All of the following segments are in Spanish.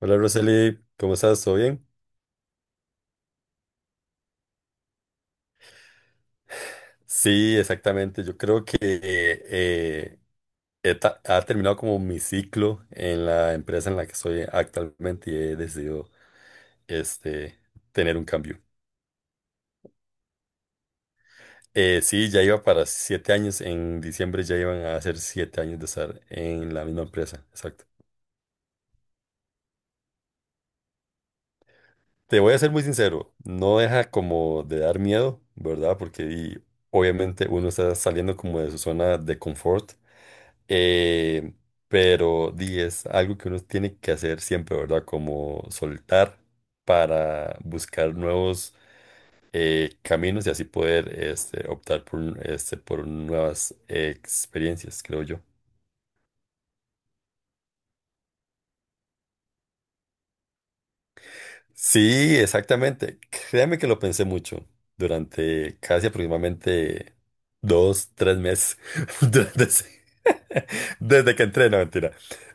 Hola Roseli, ¿cómo estás? ¿Todo bien? Sí, exactamente. Yo creo que ha terminado como mi ciclo en la empresa en la que estoy actualmente y he decidido este, tener un cambio. Sí, ya iba para 7 años. En diciembre ya iban a hacer 7 años de estar en la misma empresa. Exacto. Te voy a ser muy sincero, no deja como de dar miedo, ¿verdad? Porque obviamente uno está saliendo como de su zona de confort. Eh, pero di, es algo que uno tiene que hacer siempre, ¿verdad? Como soltar para buscar nuevos caminos y así poder optar por, por nuevas experiencias, creo yo. Sí, exactamente. Créame que lo pensé mucho durante casi aproximadamente 2, 3 meses. Durante ese- Desde que entré, no, mentira.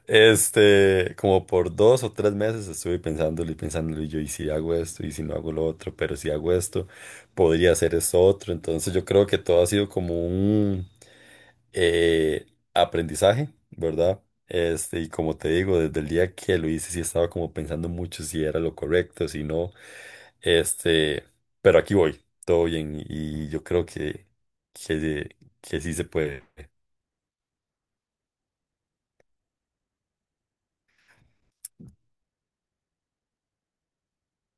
Como por 2 o 3 meses estuve pensándolo y pensándolo y si hago esto, y si no hago lo otro, pero si hago esto, podría hacer esto otro. Entonces yo creo que todo ha sido como un eh, aprendizaje, ¿verdad? Y como te digo, desde el día que lo hice, sí estaba como pensando mucho si era lo correcto, si no. Este, pero aquí voy, todo bien, y yo creo que, que sí se puede.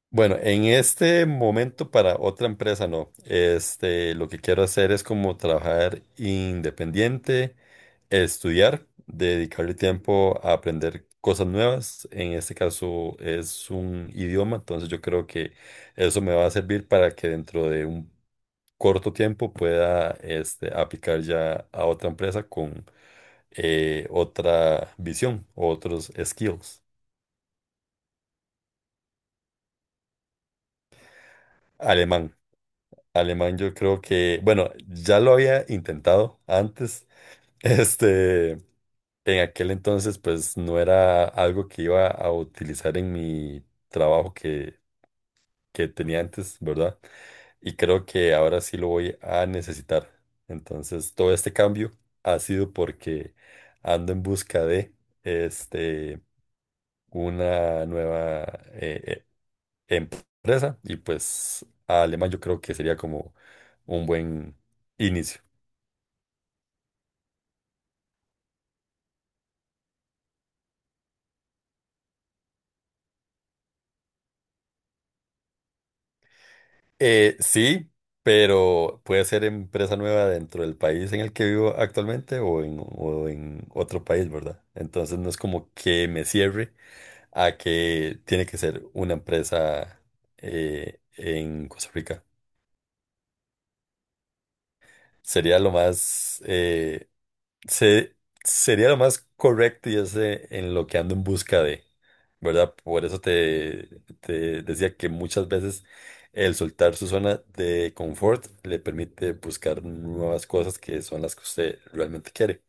Bueno, en este momento para otra empresa no. Lo que quiero hacer es como trabajar independiente, estudiar, dedicarle tiempo a aprender cosas nuevas. En este caso es un idioma, entonces yo creo que eso me va a servir para que dentro de un corto tiempo pueda aplicar ya a otra empresa con otra visión, otros skills. Alemán. Alemán, yo creo que, bueno, ya lo había intentado antes. Este, en aquel entonces, pues no era algo que iba a utilizar en mi trabajo que tenía antes, ¿verdad? Y creo que ahora sí lo voy a necesitar. Entonces, todo este cambio ha sido porque ando en busca de, este, una nueva eh, empresa y pues alemán yo creo que sería como un buen inicio. Sí, pero puede ser empresa nueva dentro del país en el que vivo actualmente o en otro país, ¿verdad? Entonces no es como que me cierre a que tiene que ser una empresa en Costa Rica. Sería lo más eh, Se, Sería lo más correcto y es en lo que ando en busca de, ¿verdad? Por eso te decía que muchas veces el soltar su zona de confort le permite buscar nuevas cosas que son las que usted realmente quiere.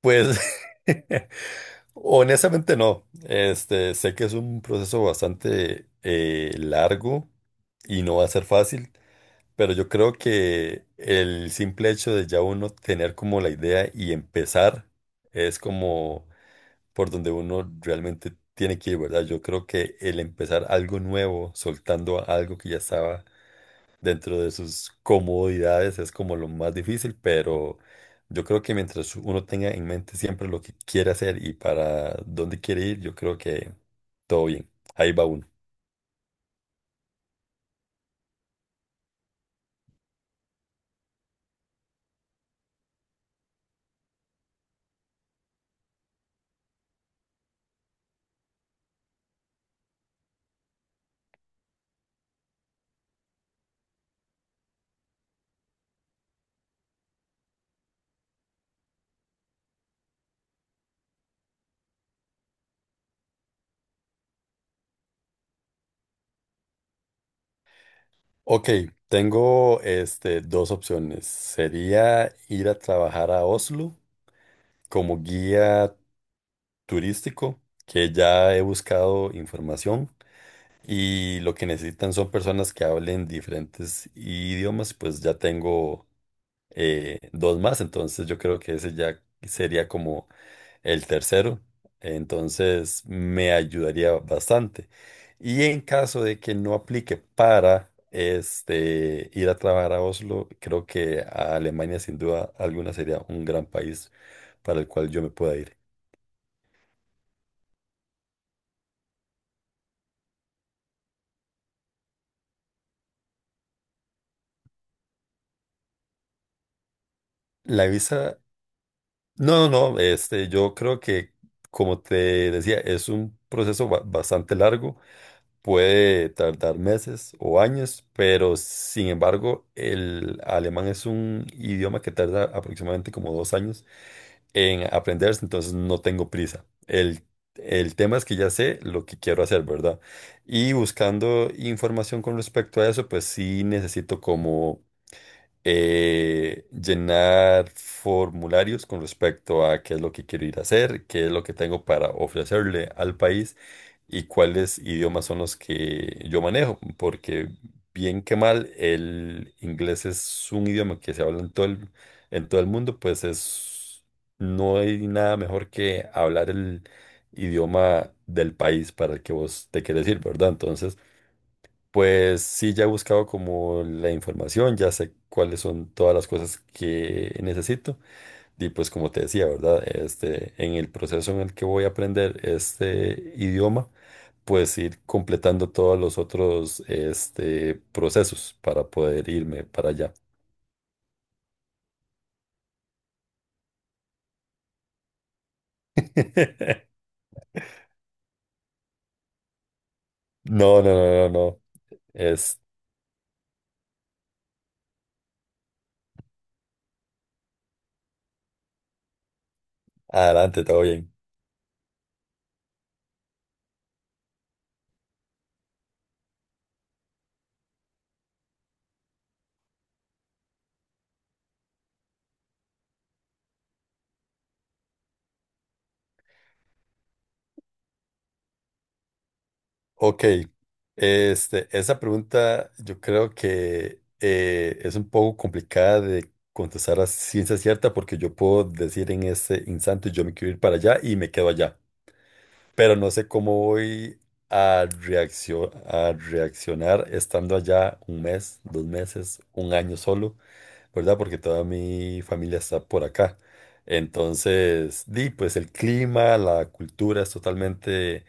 Pues honestamente no. Sé que es un proceso bastante largo y no va a ser fácil. Pero yo creo que el simple hecho de ya uno tener como la idea y empezar es como por donde uno realmente tiene que ir, ¿verdad? Yo creo que el empezar algo nuevo, soltando algo que ya estaba dentro de sus comodidades, es como lo más difícil, pero yo creo que mientras uno tenga en mente siempre lo que quiere hacer y para dónde quiere ir, yo creo que todo bien. Ahí va uno. Ok, tengo dos opciones. Sería ir a trabajar a Oslo como guía turístico, que ya he buscado información y lo que necesitan son personas que hablen diferentes idiomas, pues ya tengo dos más, entonces yo creo que ese ya sería como el tercero, entonces me ayudaría bastante. Y en caso de que no aplique para ir a trabajar a Oslo, creo que a Alemania sin duda alguna sería un gran país para el cual yo me pueda ir. La visa, no, no, no, yo creo que, como te decía, es un proceso bastante largo. Puede tardar meses o años, pero sin embargo, el alemán es un idioma que tarda aproximadamente como 2 años en aprenderse, entonces no tengo prisa. El tema es que ya sé lo que quiero hacer, ¿verdad? Y buscando información con respecto a eso, pues sí necesito como llenar formularios con respecto a qué es lo que quiero ir a hacer, qué es lo que tengo para ofrecerle al país y cuáles idiomas son los que yo manejo, porque bien que mal, el inglés es un idioma que se habla en todo el mundo, pues es, no hay nada mejor que hablar el idioma del país para el que vos te quieres ir, ¿verdad? Entonces... Pues sí, ya he buscado como la información, ya sé cuáles son todas las cosas que necesito. Y pues como te decía, ¿verdad? En el proceso en el que voy a aprender este idioma, pues ir completando todos los otros procesos para poder irme para allá. No, no, no, no, no. Es adelante, todo bien. Ok, esa pregunta yo creo que es un poco complicada de contestar a ciencia cierta porque yo puedo decir en este instante yo me quiero ir para allá y me quedo allá pero no sé cómo voy a reaccionar estando allá un mes, 2 meses, un año solo, ¿verdad? Porque toda mi familia está por acá. Entonces, di, pues el clima, la cultura es totalmente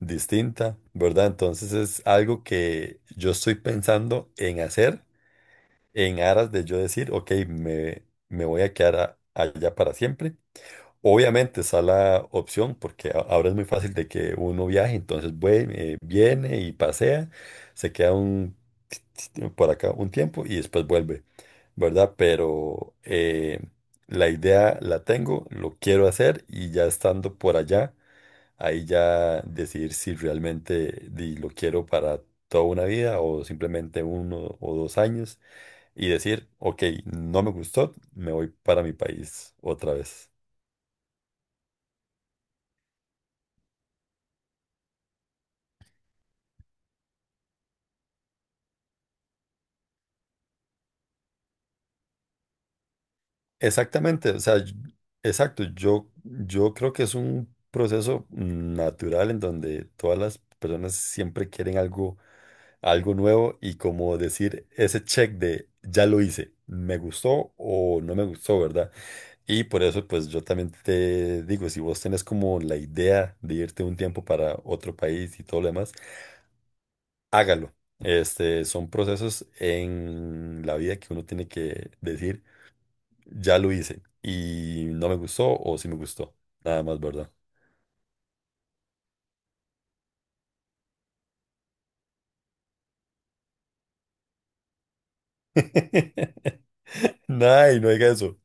distinta, ¿verdad? Entonces es algo que yo estoy pensando en hacer en aras de yo decir, ok, me voy a quedar allá para siempre. Obviamente está la opción porque ahora es muy fácil de que uno viaje, entonces viene y pasea, se queda por acá un tiempo y después vuelve, ¿verdad? Pero la idea la tengo, lo quiero hacer y ya estando por allá, ahí ya decidir si realmente di, lo quiero para toda una vida o simplemente 1 o 2 años y decir, ok, no me gustó, me voy para mi país otra vez. Exactamente, o sea, exacto, yo creo que es un proceso natural en donde todas las personas siempre quieren algo, algo nuevo y como decir ese check de ya lo hice, me gustó o no me gustó, ¿verdad? Y por eso pues yo también te digo, si vos tenés como la idea de irte un tiempo para otro país y todo lo demás, hágalo. Son procesos en la vida que uno tiene que decir ya lo hice y no me gustó o sí me gustó. Nada más, ¿verdad? Ay, no diga eso.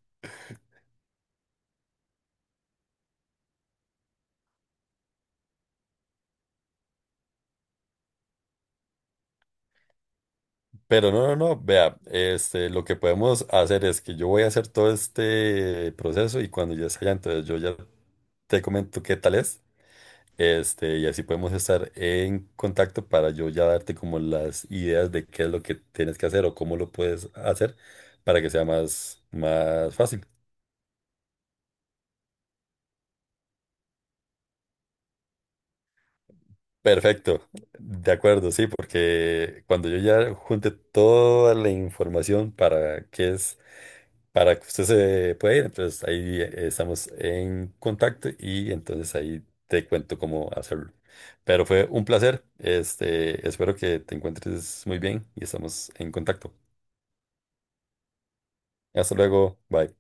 Pero no, no, no, vea, lo que podemos hacer es que yo voy a hacer todo este proceso y cuando ya sea, entonces yo ya te comento qué tal es, y así podemos estar en contacto para yo ya darte como las ideas de qué es lo que tienes que hacer o cómo lo puedes hacer para que sea más, más fácil. Perfecto, de acuerdo, sí, porque cuando yo ya junte toda la información para qué es, para que usted se pueda ir, entonces ahí estamos en contacto y entonces ahí te cuento cómo hacerlo. Pero fue un placer, espero que te encuentres muy bien y estamos en contacto. Hasta luego, bye.